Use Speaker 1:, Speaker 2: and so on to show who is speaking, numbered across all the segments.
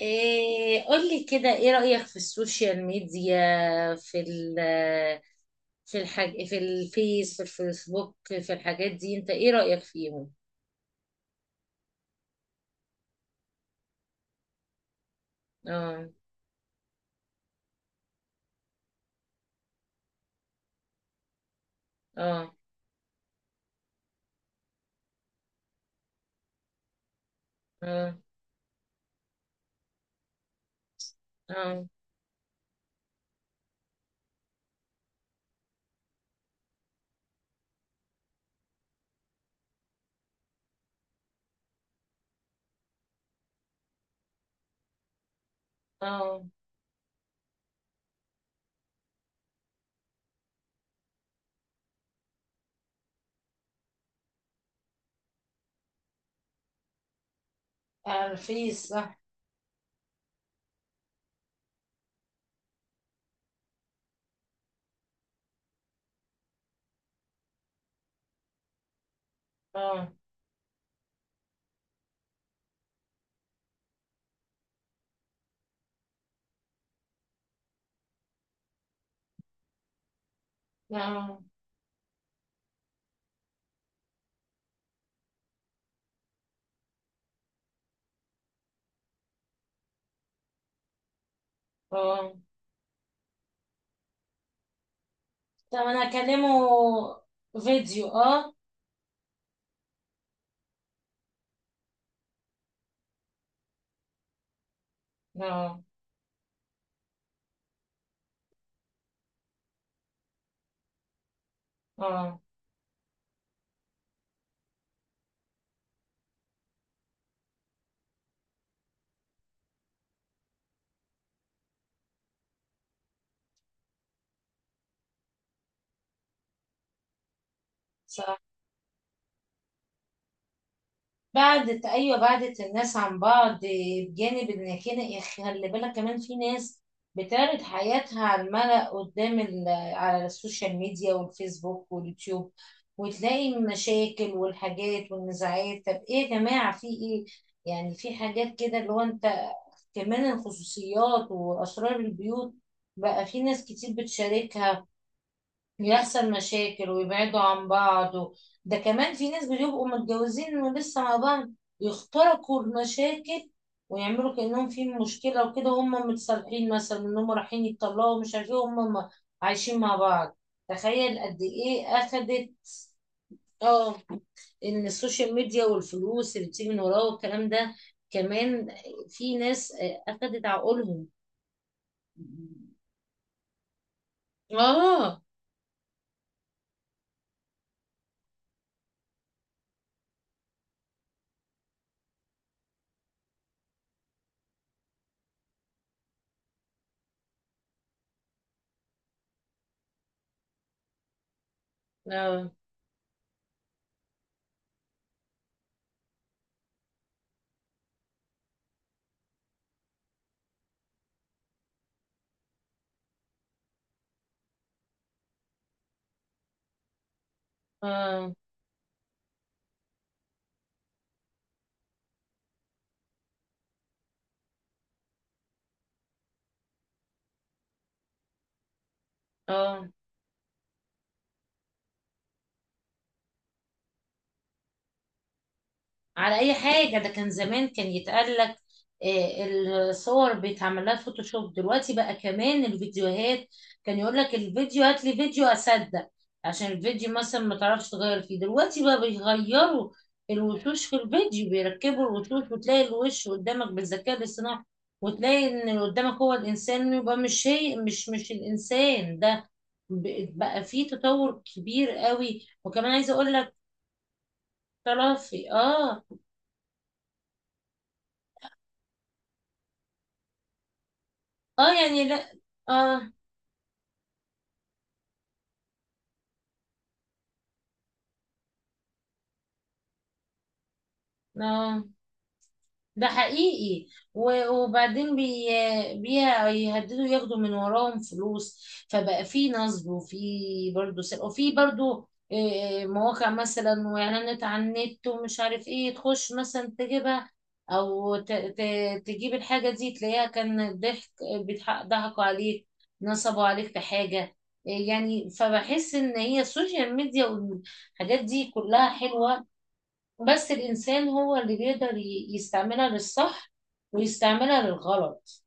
Speaker 1: إيه قولي كده، ايه رأيك في السوشيال ميديا؟ في ال في الفيس، في الفيسبوك، في الحاجات دي، انت ايه رأيك فيهم؟ اه. اه. اه. اه. اه. على الفيس، صح. اه. اه. اه. طب انا اكلمه فيديو. اه. اه. اه. صح. بعدت، ايوه، بعدت الناس عن بعض. بجانب ان كده، خلي بالك كمان في ناس بتعرض حياتها على الملأ قدام على السوشيال ميديا والفيسبوك واليوتيوب، وتلاقي المشاكل والحاجات والنزاعات. طب ايه يا جماعة، في ايه؟ يعني في حاجات كده اللي هو انت، كمان الخصوصيات واسرار البيوت بقى في ناس كتير بتشاركها، يحصل مشاكل ويبعدوا عن بعض و... ده كمان في ناس بيبقوا متجوزين ولسه مع بعض، يخترقوا المشاكل ويعملوا كأنهم في مشكلة وكده، وهم متصالحين، مثلا انهم رايحين يتطلقوا، مش عارفين هم عايشين مع بعض. تخيل قد ايه اخدت. اه. ان السوشيال ميديا والفلوس اللي بتيجي من وراه والكلام ده، كمان في ناس اخدت عقولهم. اه. اه. اه. اه. على اي حاجه. ده كان زمان كان يتقال لك الصور بيتعمل لها فوتوشوب، دلوقتي بقى كمان الفيديوهات. كان يقول لك الفيديو، هات لي فيديو اصدق، عشان الفيديو مثلا ما تعرفش تغير فيه. دلوقتي بقى بيغيروا الوشوش في الفيديو، بيركبوا الوشوش، وتلاقي الوش قدامك بالذكاء الاصطناعي، وتلاقي ان اللي قدامك هو الانسان، يبقى مش هي، مش الانسان ده. بقى فيه تطور كبير قوي. وكمان عايزه اقول لك طلع في اه. اه يعني لا. اه. اه ده حقيقي. وبعدين بيهددوا ياخدوا من وراهم فلوس، فبقى في نصب وفي برضه سرقة، وفي برضه مواقع مثلا واعلانات على النت ومش عارف ايه، تخش مثلا تجيبها او تجيب الحاجة دي تلاقيها كان ضحك، ضحكوا عليك، نصبوا عليك في حاجة. يعني فبحس ان هي السوشيال ميديا والحاجات دي كلها حلوة، بس الإنسان هو اللي بيقدر يستعملها للصح ويستعملها للغلط.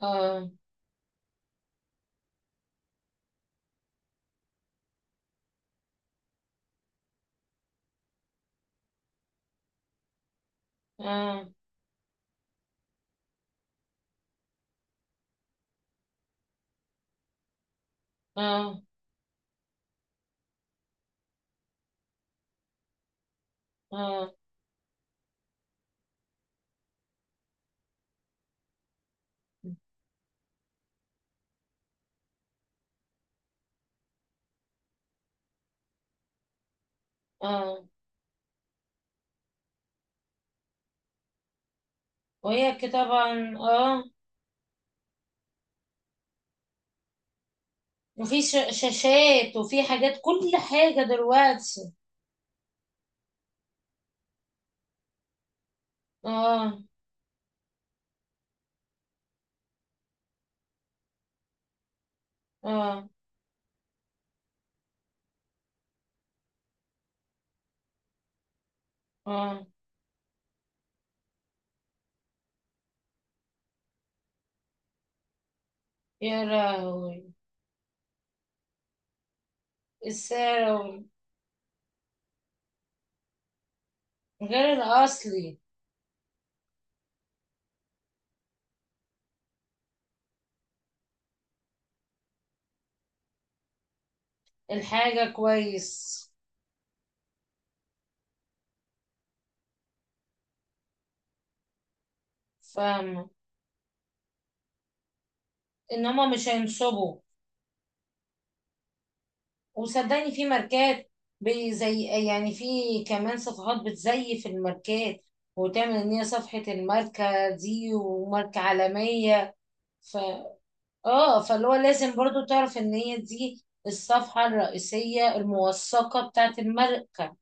Speaker 1: اه. اه. اه. اه. اه. وهي كده طبعا. اه. وفي شاشات وفي حاجات، كل حاجة دلوقتي. اه. اه. اه. يا لهوي، السعر. غير الأصلي. الحاجة كويس. فاهمة. إن هما مش هينصبوا. وصدقني في ماركات، زي يعني في كمان صفحات بتزيف الماركات وتعمل ان هي صفحة الماركة دي وماركة عالمية. ف اه، فاللي هو لازم برضو تعرف ان هي دي الصفحة الرئيسية الموثقة بتاعت الماركة.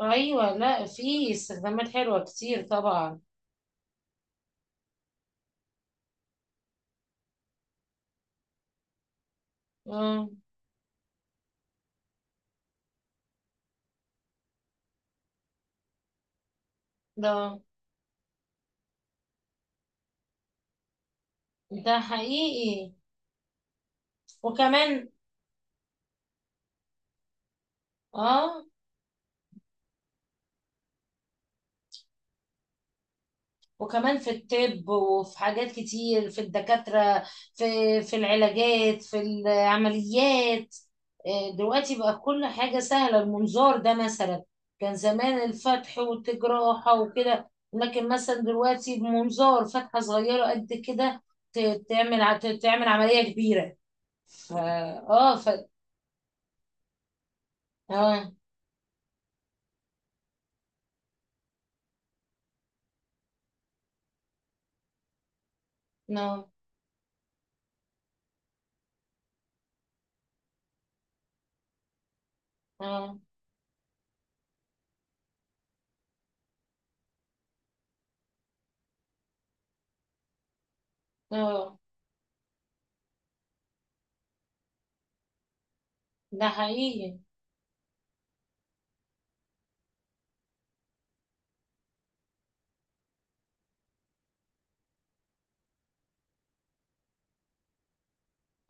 Speaker 1: ايوه، لا في استخدامات حلوة كتير طبعا. اه. ده ده حقيقي. وكمان اه، وكمان في الطب وفي حاجات كتير، في الدكاترة، في في العلاجات، في العمليات. دلوقتي بقى كل حاجة سهلة، المنظار ده مثلا، كان زمان الفتح والجراحة وكده، لكن مثلا دلوقتي بمنظار فتحة صغيرة قد كده تعمل عملية كبيرة. فا اه، ف اه. اه. اه. اه. ده حقيقي.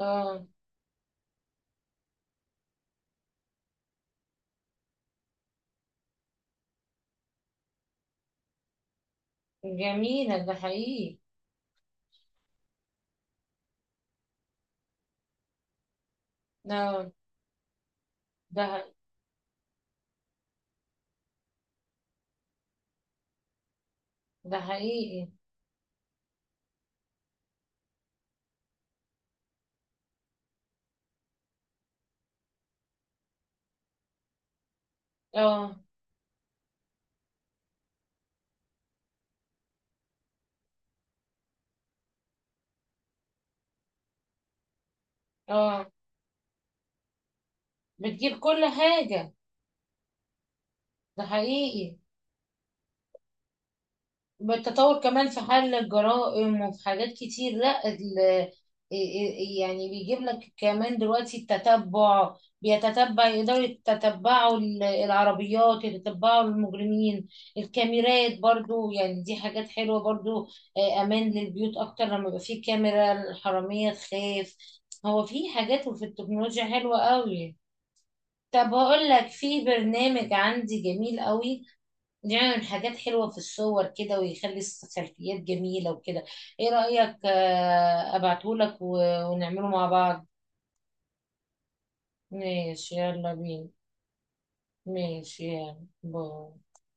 Speaker 1: اه. جميلة، ده حقيقي. اه. ده ده حقيقي. اه. اه. بتجيب كل حاجة. ده حقيقي. بالتطور كمان في حل الجرائم وفي حاجات كتير. لا يعني بيجيب لك كمان دلوقتي التتبع، بيتتبع، يقدروا يتتبعوا العربيات، يتتبعوا المجرمين. الكاميرات برضو يعني، دي حاجات حلوة برضو. أمان للبيوت أكتر لما يبقى فيه كاميرا، الحرامية تخاف. هو في حاجات وفي التكنولوجيا حلوة قوي. طب هقول لك في برنامج عندي جميل قوي، بيعمل حاجات حلوة في الصور كده ويخلي السيلفيات جميلة وكده. ايه رأيك ابعتهولك ونعمله مع بعض؟ ماشي يلا بينا. ماشي يلا باي.